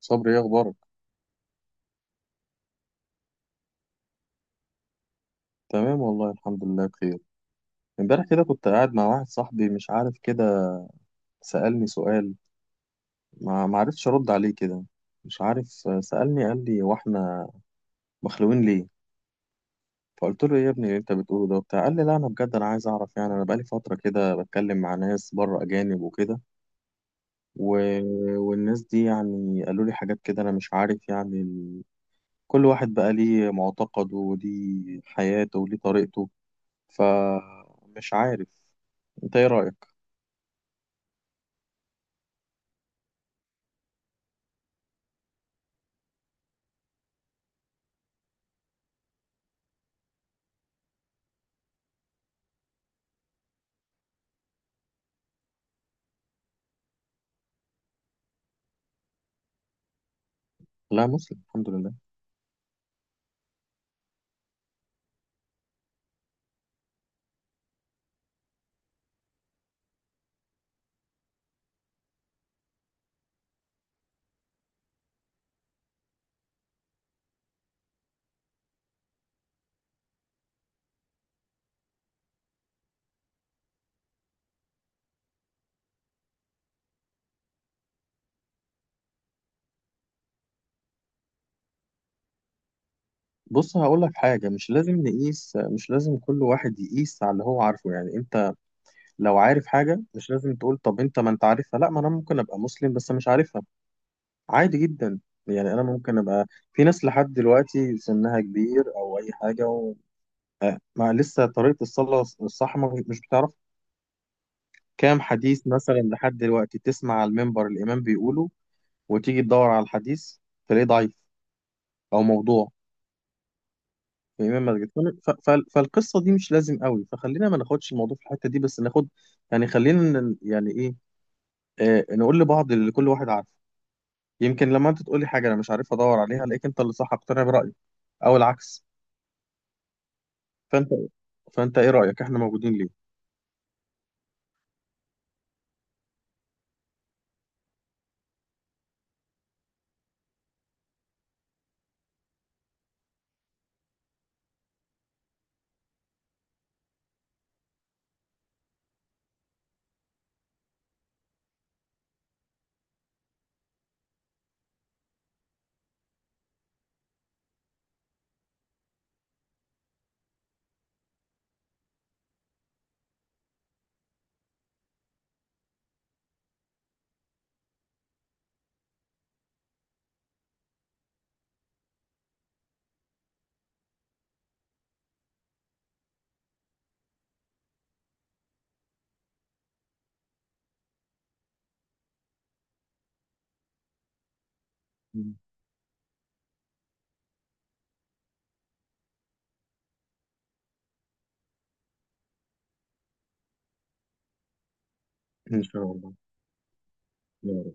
صبري ايه اخبارك؟ تمام والله الحمد لله بخير. امبارح كده كنت قاعد مع واحد صاحبي، مش عارف كده، سألني سؤال. ما عرفتش ارد عليه كده، مش عارف. سألني قال لي: واحنا مخلوقين ليه؟ فقلت له ايه يا ابني اللي انت بتقوله ده وبتاع؟ قال لي: لا انا بجد انا عايز اعرف، يعني انا بقالي فترة كده بتكلم مع ناس بره اجانب وكده، و... والناس دي يعني قالوا لي حاجات كده، انا مش عارف يعني كل واحد بقى ليه معتقده وليه حياته وليه طريقته، فمش عارف انت ايه رأيك؟ لا مسلم الحمد لله. بص هقول لك حاجة: مش لازم نقيس، مش لازم كل واحد يقيس على اللي هو عارفه. يعني انت لو عارف حاجة مش لازم تقول طب انت ما انت عارفها، لا ما انا ممكن ابقى مسلم بس مش عارفها، عادي جدا. يعني انا ممكن ابقى في ناس لحد دلوقتي سنها كبير او اي حاجة وما لسه طريقة الصلاة الصح مش بتعرف. كام حديث مثلا لحد دلوقتي تسمع على المنبر الامام بيقوله، وتيجي تدور على الحديث تلاقيه ضعيف او موضوع امام مسجد. فالقصه دي مش لازم قوي، فخلينا ما ناخدش الموضوع في الحته دي، بس ناخد يعني خلينا يعني ايه، آه نقول لبعض اللي كل واحد عارفه. يمكن لما انت تقولي حاجه انا مش عارف ادور عليها الاقيك انت اللي صح، اقتنع برايي او العكس. فانت فانت ايه رايك، احنا موجودين ليه؟ مم. ان شاء الله. يا رب.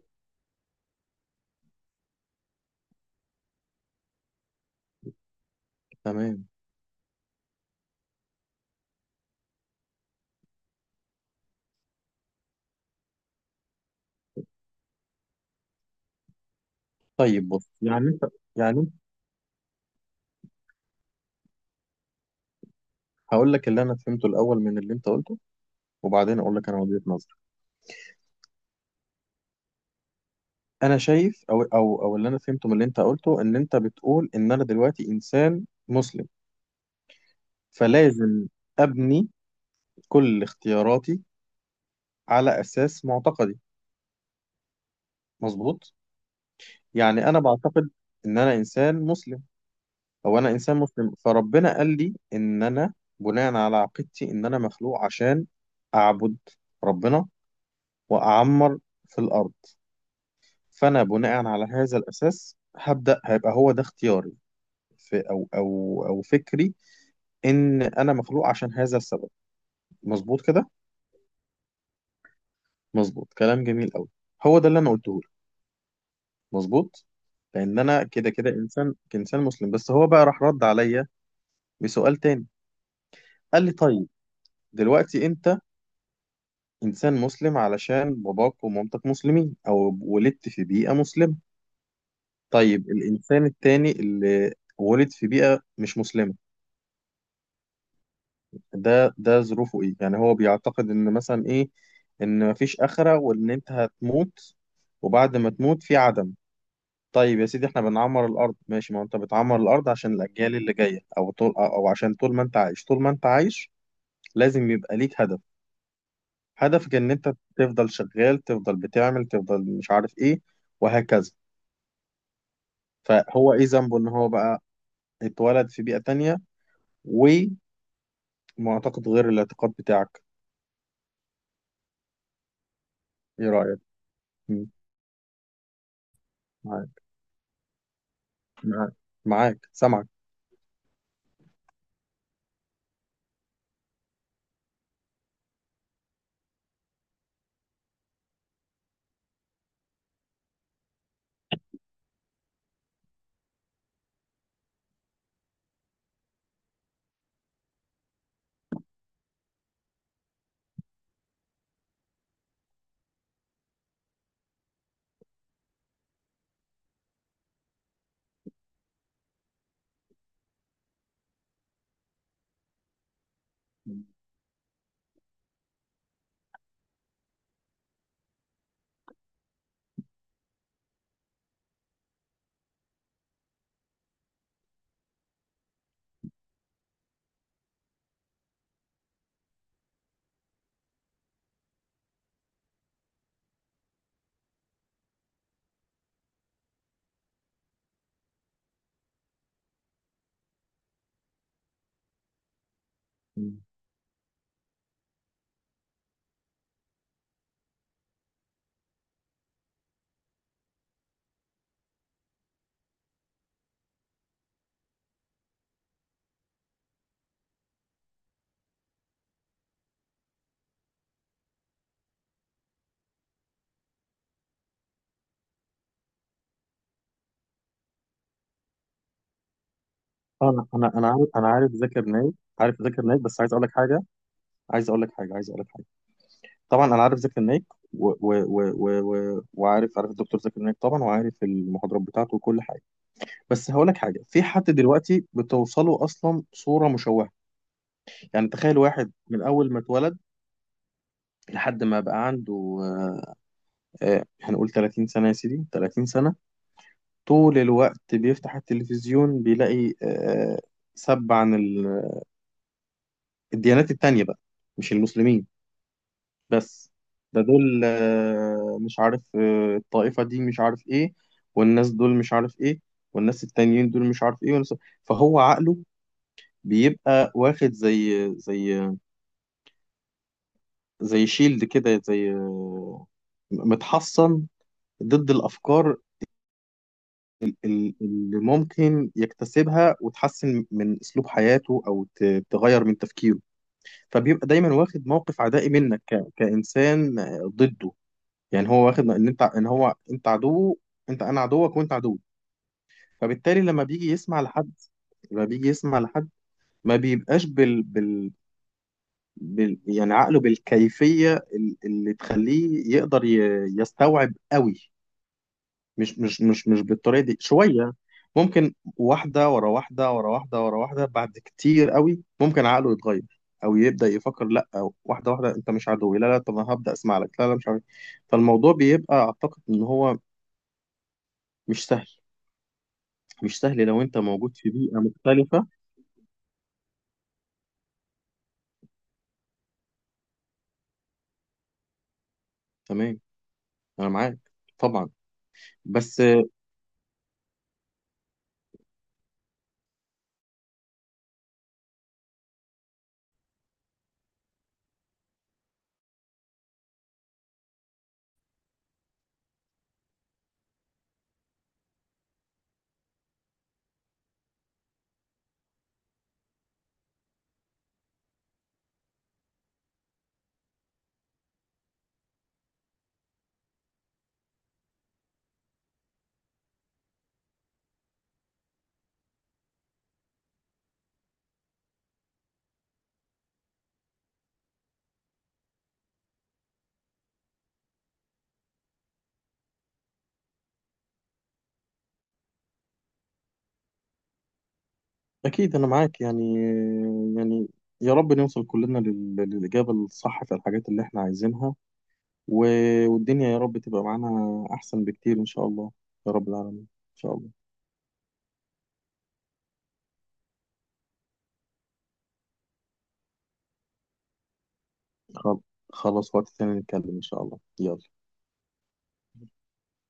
تمام. طيب بص يعني انت، يعني هقول لك اللي انا فهمته الاول من اللي انت قلته، وبعدين اقول لك انا وجهة نظري. انا شايف، او اللي انا فهمته من اللي انت قلته ان انت بتقول ان انا دلوقتي انسان مسلم فلازم أبني كل اختياراتي على أساس معتقدي، مظبوط؟ يعني أنا بعتقد إن أنا إنسان مسلم، أو أنا إنسان مسلم فربنا قال لي إن أنا بناء على عقيدتي إن أنا مخلوق عشان أعبد ربنا وأعمر في الأرض. فأنا بناء على هذا الأساس هبدأ هيبقى هو ده اختياري في أو فكري إن أنا مخلوق عشان هذا السبب، مظبوط كده؟ مظبوط، كلام جميل أوي، هو ده اللي أنا قلته، مظبوط. لان انا كده كده انسان كإنسان مسلم. بس هو بقى راح رد عليا بسؤال تاني، قال لي: طيب دلوقتي انت انسان مسلم علشان باباك ومامتك مسلمين او ولدت في بيئة مسلمة، طيب الانسان التاني اللي ولد في بيئة مش مسلمة ده ظروفه ايه؟ يعني هو بيعتقد ان مثلا ايه، ان مفيش آخرة وان انت هتموت وبعد ما تموت في عدم. طيب يا سيدي احنا بنعمر الارض، ماشي، ما انت بتعمر الارض عشان الاجيال اللي جايه، او طول او عشان طول ما انت عايش، طول ما انت عايش لازم يبقى ليك هدف. هدفك ان انت تفضل شغال تفضل بتعمل تفضل مش عارف ايه وهكذا. فهو ايه ذنبه ان هو بقى اتولد في بيئه تانية ومعتقد غير الاعتقاد بتاعك؟ ايه رايك؟ مم. معاك، معاك، معاك سامعك. مم. انا عارف، انا عارف ذاكر نايك، عارف ذاكر نايك، بس عايز اقول لك حاجه، عايز اقول لك حاجه، عايز اقول لك حاجه. طبعا انا عارف زكي النايك و... و... و... و... وعارف، عارف الدكتور زكي النايك طبعا، وعارف المحاضرات بتاعته وكل حاجه. بس هقول لك حاجه: في حد دلوقتي بتوصله اصلا صوره مشوهه. يعني تخيل واحد من اول ما اتولد لحد ما بقى عنده آه، هنقول 30 سنه، يا سيدي 30 سنه، طول الوقت بيفتح التلفزيون بيلاقي سب عن الديانات التانيه بقى، مش المسلمين بس. ده دول مش عارف، الطائفة دي مش عارف ايه، والناس دول مش عارف ايه، والناس التانيين دول مش عارف ايه، فهو عقله بيبقى واخد زي شيلد كده، زي متحصن ضد الأفكار اللي ممكن يكتسبها وتحسن من أسلوب حياته أو تغير من تفكيره. فبيبقى دايما واخد موقف عدائي منك كإنسان ضده، يعني هو واخد ان انت ان هو انت عدوه، انت انا عدوك وانت عدوي. فبالتالي لما بيجي يسمع لحد ما بيبقاش يعني عقله بالكيفية اللي تخليه يقدر يستوعب قوي، مش بالطريقة دي شوية. ممكن واحدة ورا واحدة ورا واحدة ورا واحدة بعد كتير قوي ممكن عقله يتغير او يبدأ يفكر لا، أو واحدة واحدة انت مش عدوي، لا طب انا هبدأ اسمع لك، لا مش عارف إيه. فالموضوع بيبقى اعتقد ان هو مش سهل، مش سهل لو انت موجود في بيئة مختلفة. تمام انا معاك طبعا. بس اكيد انا معاك يعني. يعني يا رب نوصل كلنا للإجابة الصح في الحاجات اللي احنا عايزينها، والدنيا يا رب تبقى معانا احسن بكتير ان شاء الله. يا رب العالمين ان شاء الله. خل- خلاص وقت تاني نتكلم ان شاء الله، يلا.